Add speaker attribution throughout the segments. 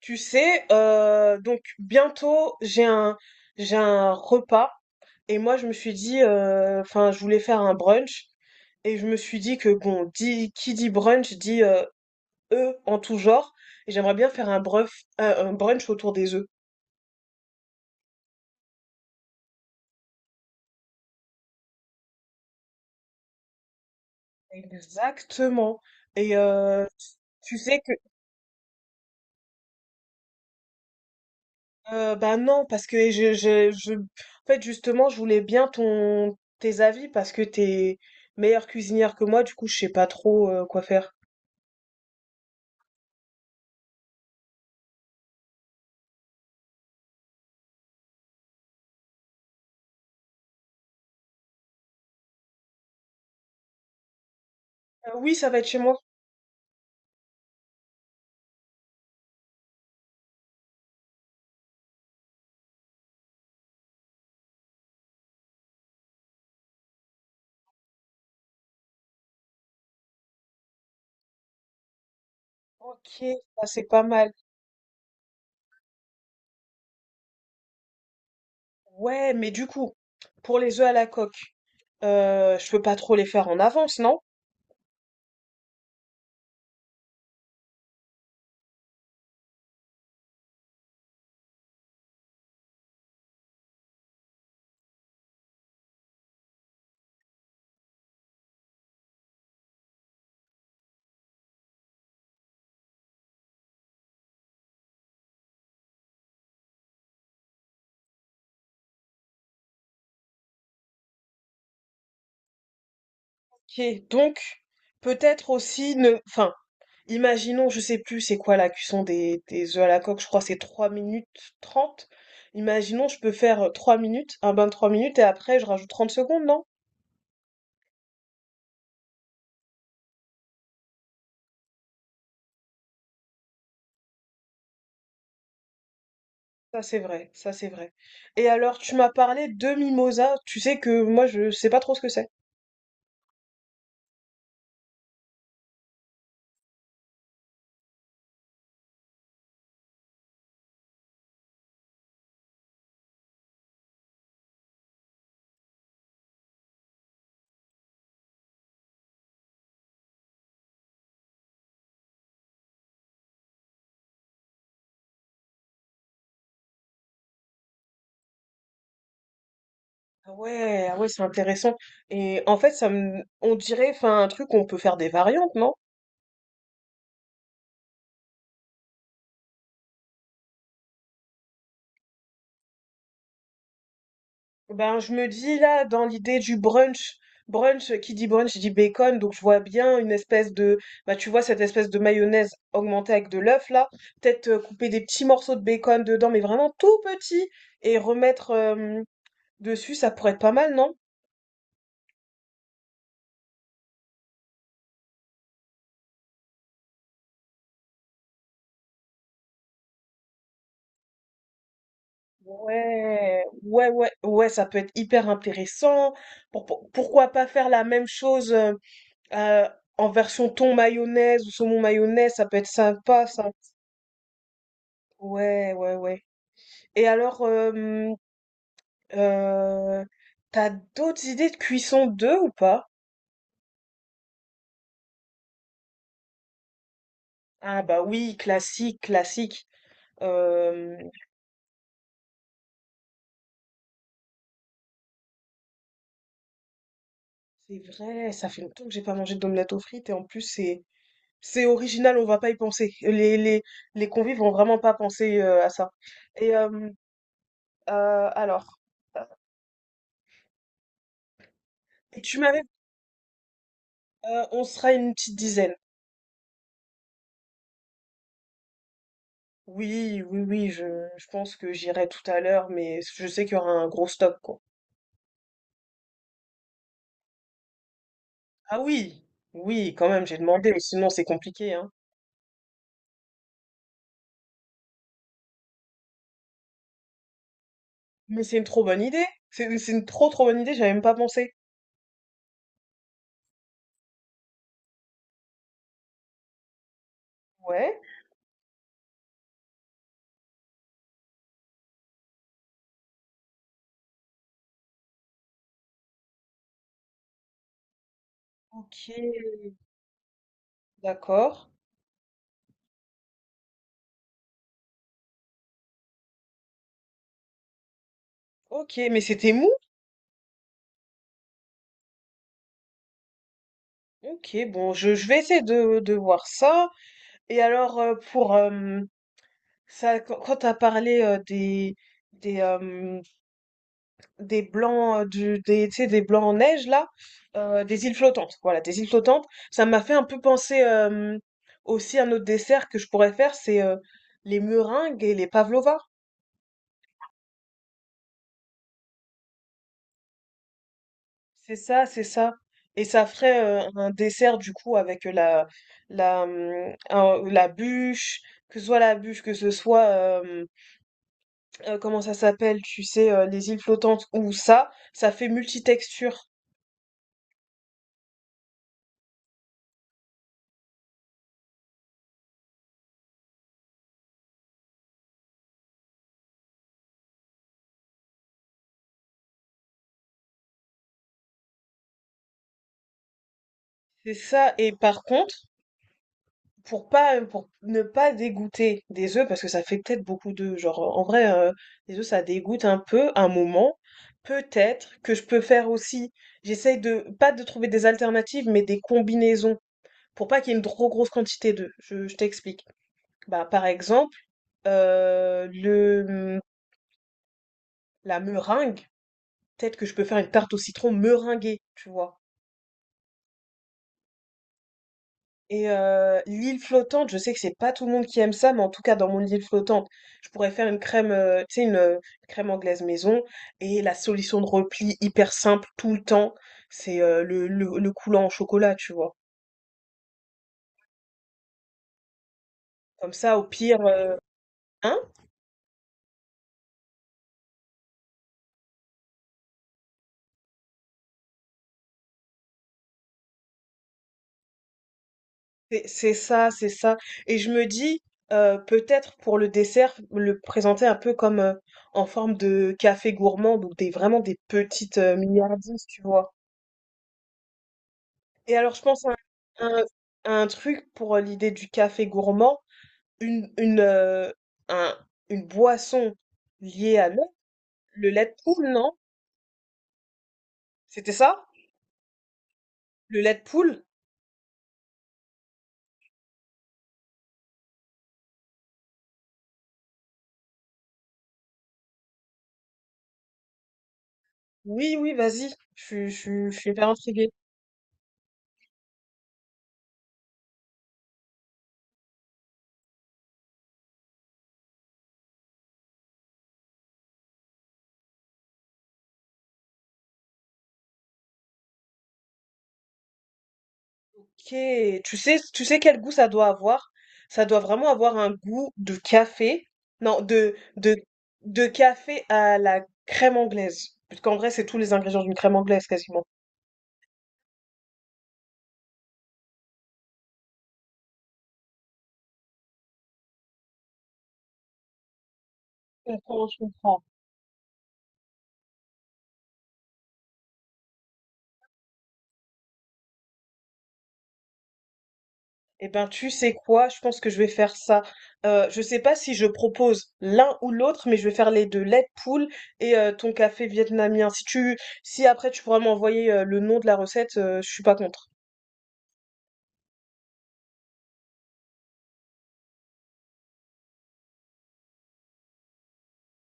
Speaker 1: Donc bientôt j'ai un repas, et moi je me suis dit, enfin je voulais faire un brunch, et je me suis dit que qui dit brunch dit œufs en tout genre, et j'aimerais bien faire un brunch autour des œufs. Exactement. Et euh, tu sais que bah non, parce que je en fait justement je voulais bien ton tes avis parce que t'es meilleure cuisinière que moi, du coup je sais pas trop quoi faire. Oui, ça va être chez moi. OK, ça c'est pas mal. Ouais, mais du coup, pour les œufs à la coque, je peux pas trop les faire en avance, non? OK, donc peut-être aussi ne enfin, imaginons, je sais plus c'est quoi la cuisson des œufs à la coque, je crois que c'est 3 minutes 30. Imaginons, je peux faire, 3 minutes, un bain de 3 minutes, et après je rajoute 30 secondes, non? Ça c'est vrai, ça c'est vrai. Et alors, tu m'as parlé de mimosa, tu sais que moi je sais pas trop ce que c'est. Ah ouais, ah ouais, c'est intéressant. Et en fait, ça me, on dirait, enfin, un truc on peut faire des variantes, non? Ben, je me dis là, dans l'idée du brunch, brunch, qui dit brunch, dit bacon, donc je vois bien une espèce de, bah tu vois, cette espèce de mayonnaise augmentée avec de l'œuf là, peut-être couper des petits morceaux de bacon dedans, mais vraiment tout petits, et remettre dessus, ça pourrait être pas mal, non? Ouais, ouais, ouais, ouais, ça peut être hyper intéressant. Pourquoi pas faire la même chose euh, en version thon mayonnaise ou saumon mayonnaise, ça peut être sympa, ça. Ouais, ouais, ouais. Et alors, euh, t'as d'autres idées de cuisson d'œufs ou pas? Ah bah oui, classique, classique. Euh, c'est vrai, ça fait longtemps que j'ai pas mangé d'omelette aux frites, et en plus c'est original, on va pas y penser. Les convives vont vraiment pas penser à ça. Et euh, euh, alors, euh, Tu m'avais, on sera une petite dizaine. Oui, oui, oui, je pense que j'irai tout à l'heure, mais je sais qu'il y aura un gros stock, quoi. Ah oui, oui, quand même, j'ai demandé, sinon c'est compliqué, hein. Mais c'est une trop bonne idée. C'est une trop trop bonne idée, j'avais même pas pensé. Ouais, ok, d'accord. Ok, mais c'était mou. Ok, bon, je vais essayer de voir ça. Et alors, ça, quand quand tu parlé, des, hem, des blancs, du des tu sais, des blancs en neige là, des îles flottantes, voilà, des îles flottantes. Ça m'a fait un peu penser, aussi à un autre dessert que je pourrais faire, c'est, les meringues et les pavlovas. C'est ça, c'est ça. Et ça ferait, un dessert du coup avec, la la, mmh, un la bûche, que ce soit la bûche, que ce soit, comment ça s'appelle, tu sais, les îles flottantes, ou ça fait multitexture. C'est ça. Et par contre, pour ne pas dégoûter des œufs, parce que ça fait peut-être beaucoup d'œufs, genre en vrai, les œufs ça dégoûte un peu un moment. Peut-être que je peux faire aussi. J'essaye de pas de trouver des alternatives, mais des combinaisons, pour pas qu'il y ait une trop grosse quantité d'œufs. Je t'explique. Bah, par exemple, euh, le, hum, la meringue, peut-être que je peux faire une tarte au citron meringuée, tu vois. L'île flottante, je sais que c'est pas tout le monde qui aime ça, mais en tout cas dans mon île flottante, je pourrais faire une crème, tu sais, crème anglaise maison. Et la solution de repli hyper simple tout le temps, c'est le coulant au chocolat, tu vois. Comme ça, au pire, hein? C'est ça, c'est ça. Et je me dis, peut-être pour le dessert, le présenter un peu comme en forme de café gourmand, donc des, vraiment des petites milliardises, tu vois. Et alors, je pense à un, un truc pour l'idée du café gourmand, une, une, euh, un- une boisson liée à l'eau, le lait de poule, non? C'était ça? Le lait de poule? Oui, oui, vas-y. Je suis hyper intriguée. Ok, tu sais quel goût ça doit avoir? Ça doit vraiment avoir un goût de café. Non, de café à la crème anglaise. Parce qu'en vrai, c'est tous les ingrédients d'une crème anglaise quasiment. Je comprends, je comprends. Eh ben, tu sais quoi? Je pense que je vais faire ça. Je sais pas si je propose l'un ou l'autre, mais je vais faire les deux, lait de poule et ton café vietnamien. Si tu, si après tu pourras m'envoyer le nom de la recette, je suis pas contre.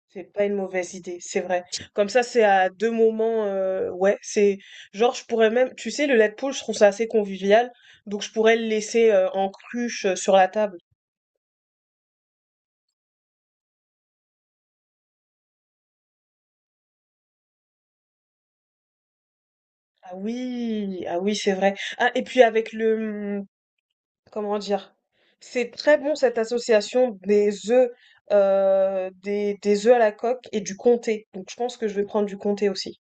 Speaker 1: C'est pas une mauvaise idée, c'est vrai. Comme ça, c'est à deux moments. Ouais, c'est genre je pourrais même, tu sais, le lait de poule, je trouve ça assez convivial, donc je pourrais le laisser en cruche sur la table. Ah oui, ah oui, c'est vrai. Ah, et puis avec le, comment dire, c'est très bon cette association des œufs, des œufs à la coque et du comté. Donc je pense que je vais prendre du comté aussi.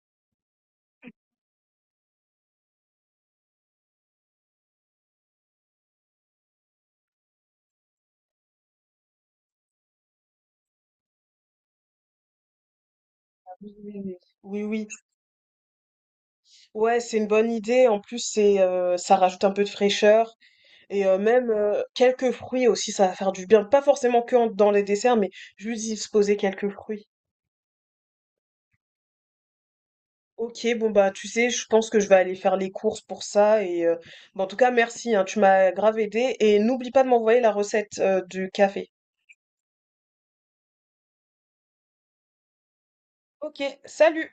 Speaker 1: Oui, oui, oui. Oui, oui. Ouais, c'est une bonne idée. En plus, c'est, ça rajoute un peu de fraîcheur, et même quelques fruits aussi, ça va faire du bien. Pas forcément que dans les desserts, mais juste y poser quelques fruits. Ok, bon bah tu sais, je pense que je vais aller faire les courses pour ça, et bah, en tout cas merci, hein, tu m'as grave aidé, et n'oublie pas de m'envoyer la recette du café. Ok, salut!